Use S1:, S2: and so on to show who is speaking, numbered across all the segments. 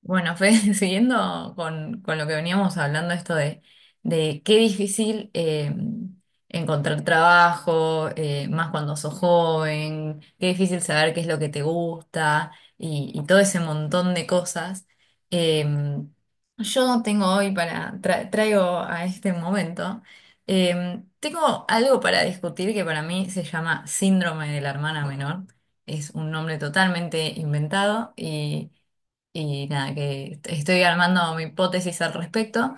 S1: Bueno, Fede, siguiendo con lo que veníamos hablando, esto de qué difícil encontrar trabajo, más cuando sos joven, qué difícil saber qué es lo que te gusta y todo ese montón de cosas. Eh, yo tengo hoy traigo a este momento, tengo algo para discutir que para mí se llama síndrome de la hermana menor. Es un nombre totalmente inventado y nada, que estoy armando mi hipótesis al respecto.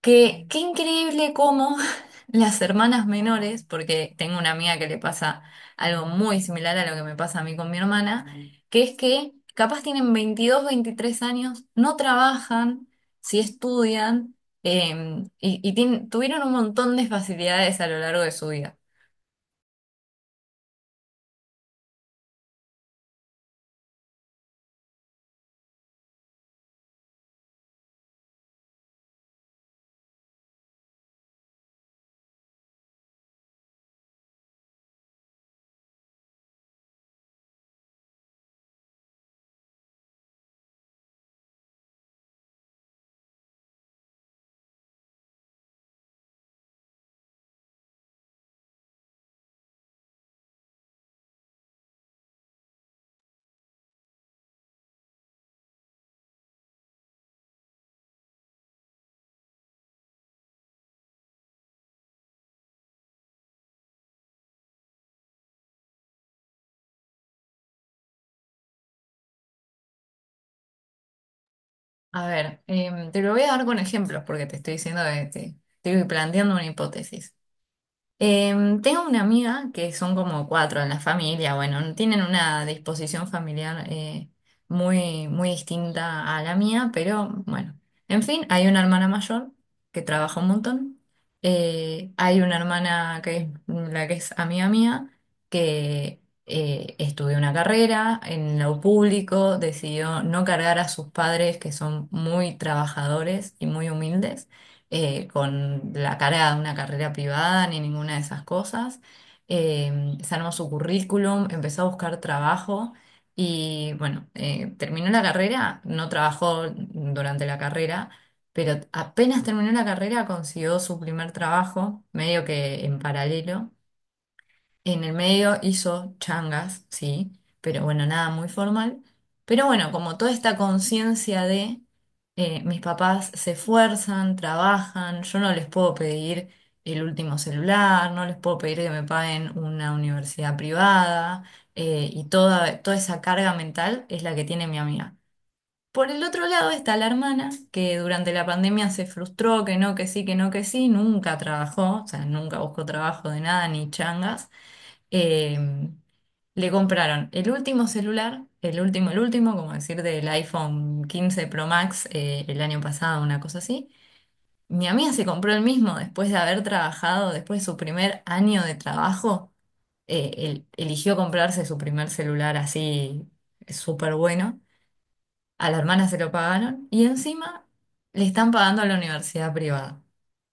S1: Que qué increíble cómo las hermanas menores, porque tengo una amiga que le pasa algo muy similar a lo que me pasa a mí con mi hermana, que es que capaz tienen 22 23 años, no trabajan, sí estudian, tuvieron un montón de facilidades a lo largo de su vida. A ver, te lo voy a dar con ejemplos porque te estoy diciendo que te estoy planteando una hipótesis. Tengo una amiga que son como cuatro en la familia, bueno, tienen una disposición familiar muy, muy distinta a la mía, pero bueno, en fin, hay una hermana mayor que trabaja un montón, hay una hermana que es la que es amiga mía, que estudió una carrera en lo público, decidió no cargar a sus padres que son muy trabajadores y muy humildes con la cara de una carrera privada ni ninguna de esas cosas. Se armó su currículum, empezó a buscar trabajo y bueno, terminó la carrera, no trabajó durante la carrera, pero apenas terminó la carrera consiguió su primer trabajo, medio que en paralelo. En el medio hizo changas, sí, pero bueno, nada muy formal. Pero bueno, como toda esta conciencia de mis papás se esfuerzan, trabajan, yo no les puedo pedir el último celular, no les puedo pedir que me paguen una universidad privada, y toda, toda esa carga mental es la que tiene mi amiga. Por el otro lado está la hermana, que durante la pandemia se frustró, que no, que sí, que no, que sí, nunca trabajó, o sea, nunca buscó trabajo de nada ni changas eh, le compraron el último celular, el último, como decir, del iPhone 15 Pro Max el año pasado, una cosa así. Mi amiga se compró el mismo después de haber trabajado, después de su primer año de trabajo, él eligió comprarse su primer celular así súper bueno. A la hermana se lo pagaron y encima le están pagando a la universidad privada,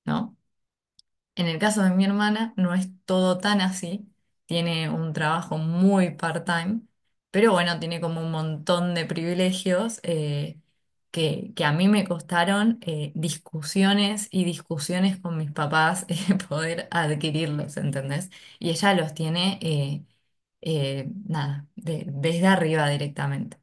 S1: ¿no? En el caso de mi hermana no es todo tan así, tiene un trabajo muy part-time, pero bueno, tiene como un montón de privilegios que a mí me costaron discusiones y discusiones con mis papás poder adquirirlos, ¿entendés? Y ella los tiene, nada, desde arriba directamente.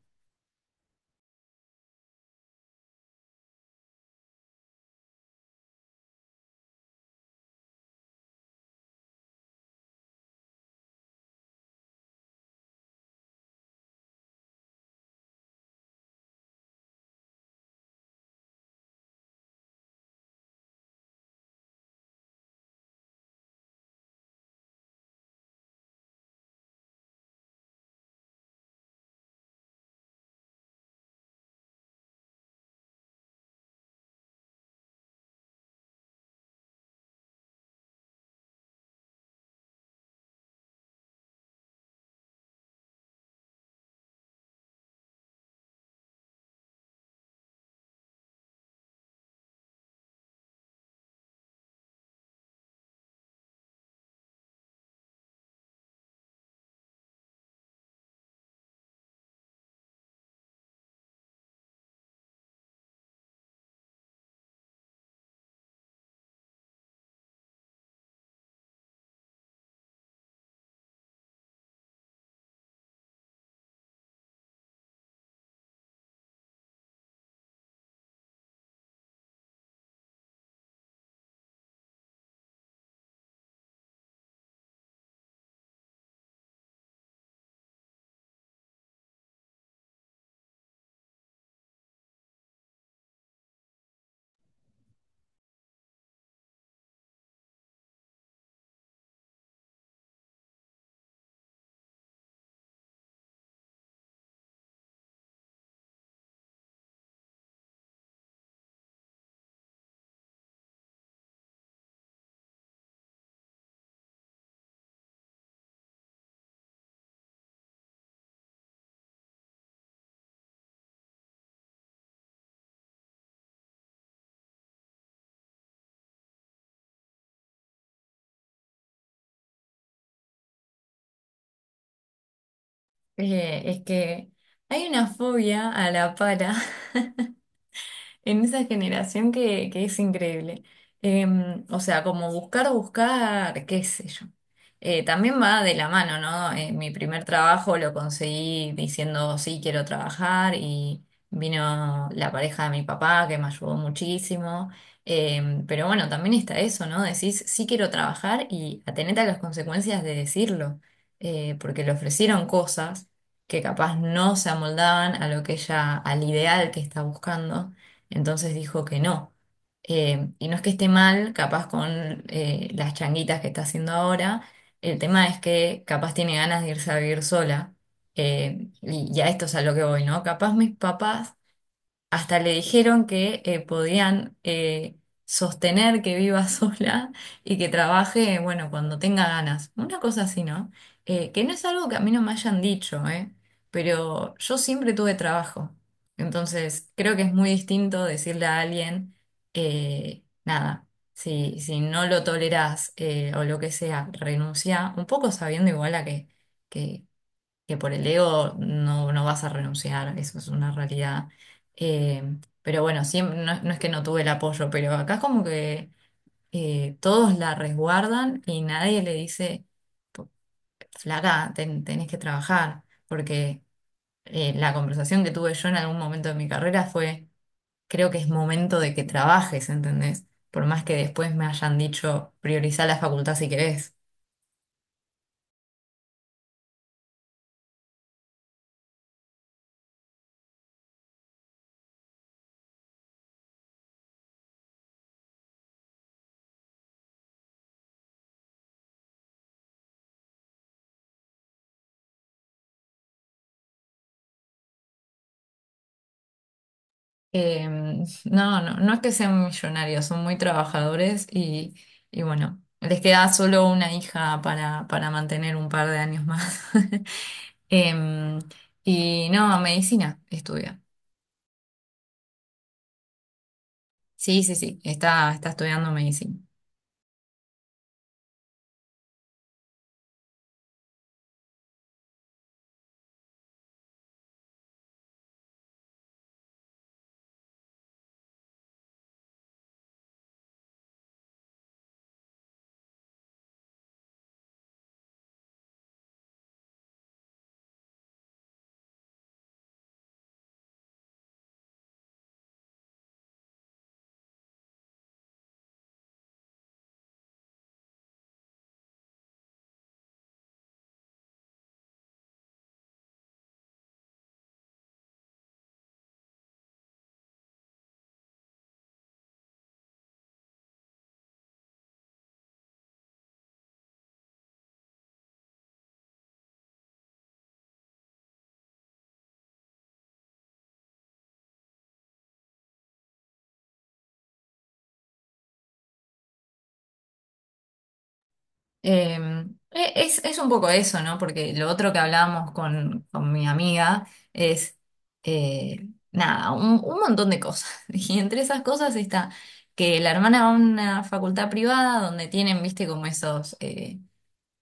S1: Es que hay una fobia a la pala en esa generación que es increíble. O sea, como buscar, buscar, qué sé yo. También va de la mano, ¿no? Mi primer trabajo lo conseguí diciendo, sí, quiero trabajar y vino la pareja de mi papá que me ayudó muchísimo. Pero bueno, también está eso, ¿no? Decís, sí quiero trabajar y atenete a las consecuencias de decirlo. Porque le ofrecieron cosas que capaz no se amoldaban a lo que ella, al ideal que está buscando. Entonces dijo que no. Y no es que esté mal, capaz con las changuitas que está haciendo ahora. El tema es que capaz tiene ganas de irse a vivir sola. Y a esto es a lo que voy, ¿no? Capaz mis papás hasta le dijeron que podían sostener que viva sola y que trabaje, bueno, cuando tenga ganas. Una cosa así, ¿no? Que no es algo que a mí no me hayan dicho, ¿eh? Pero yo siempre tuve trabajo. Entonces, creo que es muy distinto decirle a alguien, nada, si no lo tolerás o lo que sea, renuncia, un poco sabiendo igual a que por el ego no vas a renunciar, eso es una realidad. Eh, pero bueno, siempre, no es que no tuve el apoyo, pero acá es como que todos la resguardan y nadie le dice, flaca, tenés que trabajar, porque la conversación que tuve yo en algún momento de mi carrera fue, creo que es momento de que trabajes, ¿entendés? Por más que después me hayan dicho, priorizá la facultad si querés. Eh, no, no, no es que sean millonarios, son muy trabajadores y bueno, les queda solo una hija para mantener un par de años más. Em, y no, medicina estudia. Sí, sí, sí, está estudiando medicina. Eh, es un poco eso, ¿no? Porque lo otro que hablábamos con mi amiga es, eh, nada, un montón de cosas. Y entre esas cosas está que la hermana va a una facultad privada donde tienen, viste, como esos, eh,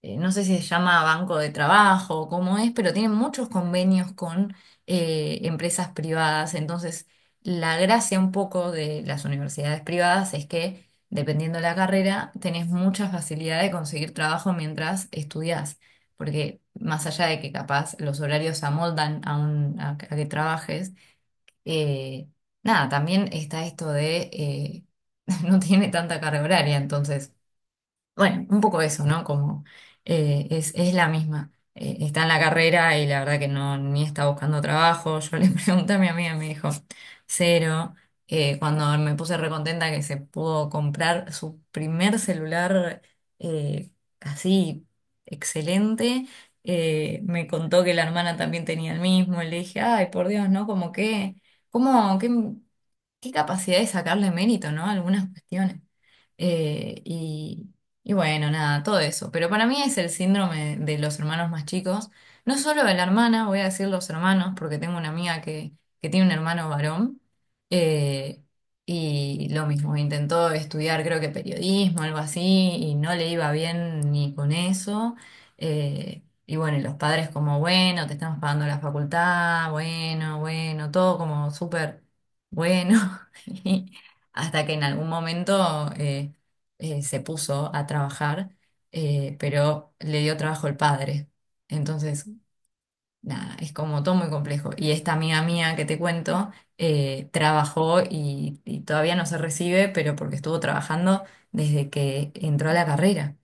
S1: eh, no sé si se llama banco de trabajo o cómo es, pero tienen muchos convenios con empresas privadas. Entonces, la gracia un poco de las universidades privadas es que, dependiendo de la carrera, tenés mucha facilidad de conseguir trabajo mientras estudiás. Porque más allá de que capaz los horarios se amoldan a que trabajes, eh, nada, también está esto de no tiene tanta carga horaria, entonces bueno, un poco eso, ¿no? Como es la misma. Está en la carrera y la verdad que no, ni está buscando trabajo. Yo le pregunté a mi amiga y me dijo, cero. Cuando me puse recontenta que se pudo comprar su primer celular eh, así excelente, me contó que la hermana también tenía el mismo. Y le dije, ay, por Dios, ¿no? Como que, ¿cómo, qué capacidad de sacarle mérito, ¿no? Algunas cuestiones. Eh, y, y bueno, nada, todo eso. Pero para mí es el síndrome de los hermanos más chicos. No solo de la hermana, voy a decir los hermanos, porque tengo una amiga que tiene un hermano varón. eh, y lo mismo, intentó estudiar, creo que periodismo, algo así, y no le iba bien ni con eso. Y bueno, y los padres como, bueno, te estamos pagando la facultad, bueno, bueno, todo como súper bueno. Y hasta que en algún momento, se puso a trabajar, pero le dio trabajo el padre. Entonces, nada, es como todo muy complejo. Y esta amiga mía que te cuento, trabajó y todavía no se recibe, pero porque estuvo trabajando desde que entró a la carrera.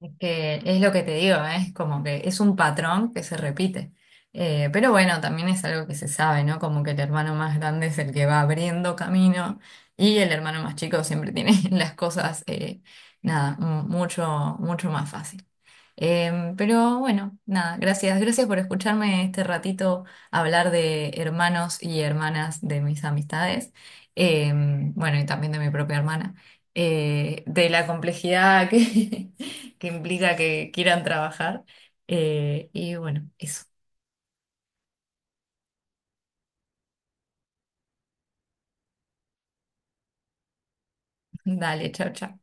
S1: Es que es lo que te digo, ¿eh? Es como que es un patrón que se repite. Pero bueno, también es algo que se sabe, ¿no? Como que el hermano más grande es el que va abriendo camino y el hermano más chico siempre tiene las cosas, nada, mucho, mucho más fácil. Pero bueno, nada, gracias, gracias por escucharme este ratito hablar de hermanos y hermanas de mis amistades. Eh, bueno, y también de mi propia hermana. De la complejidad que que implica que quieran trabajar. Y bueno, eso. Dale, chao, chao.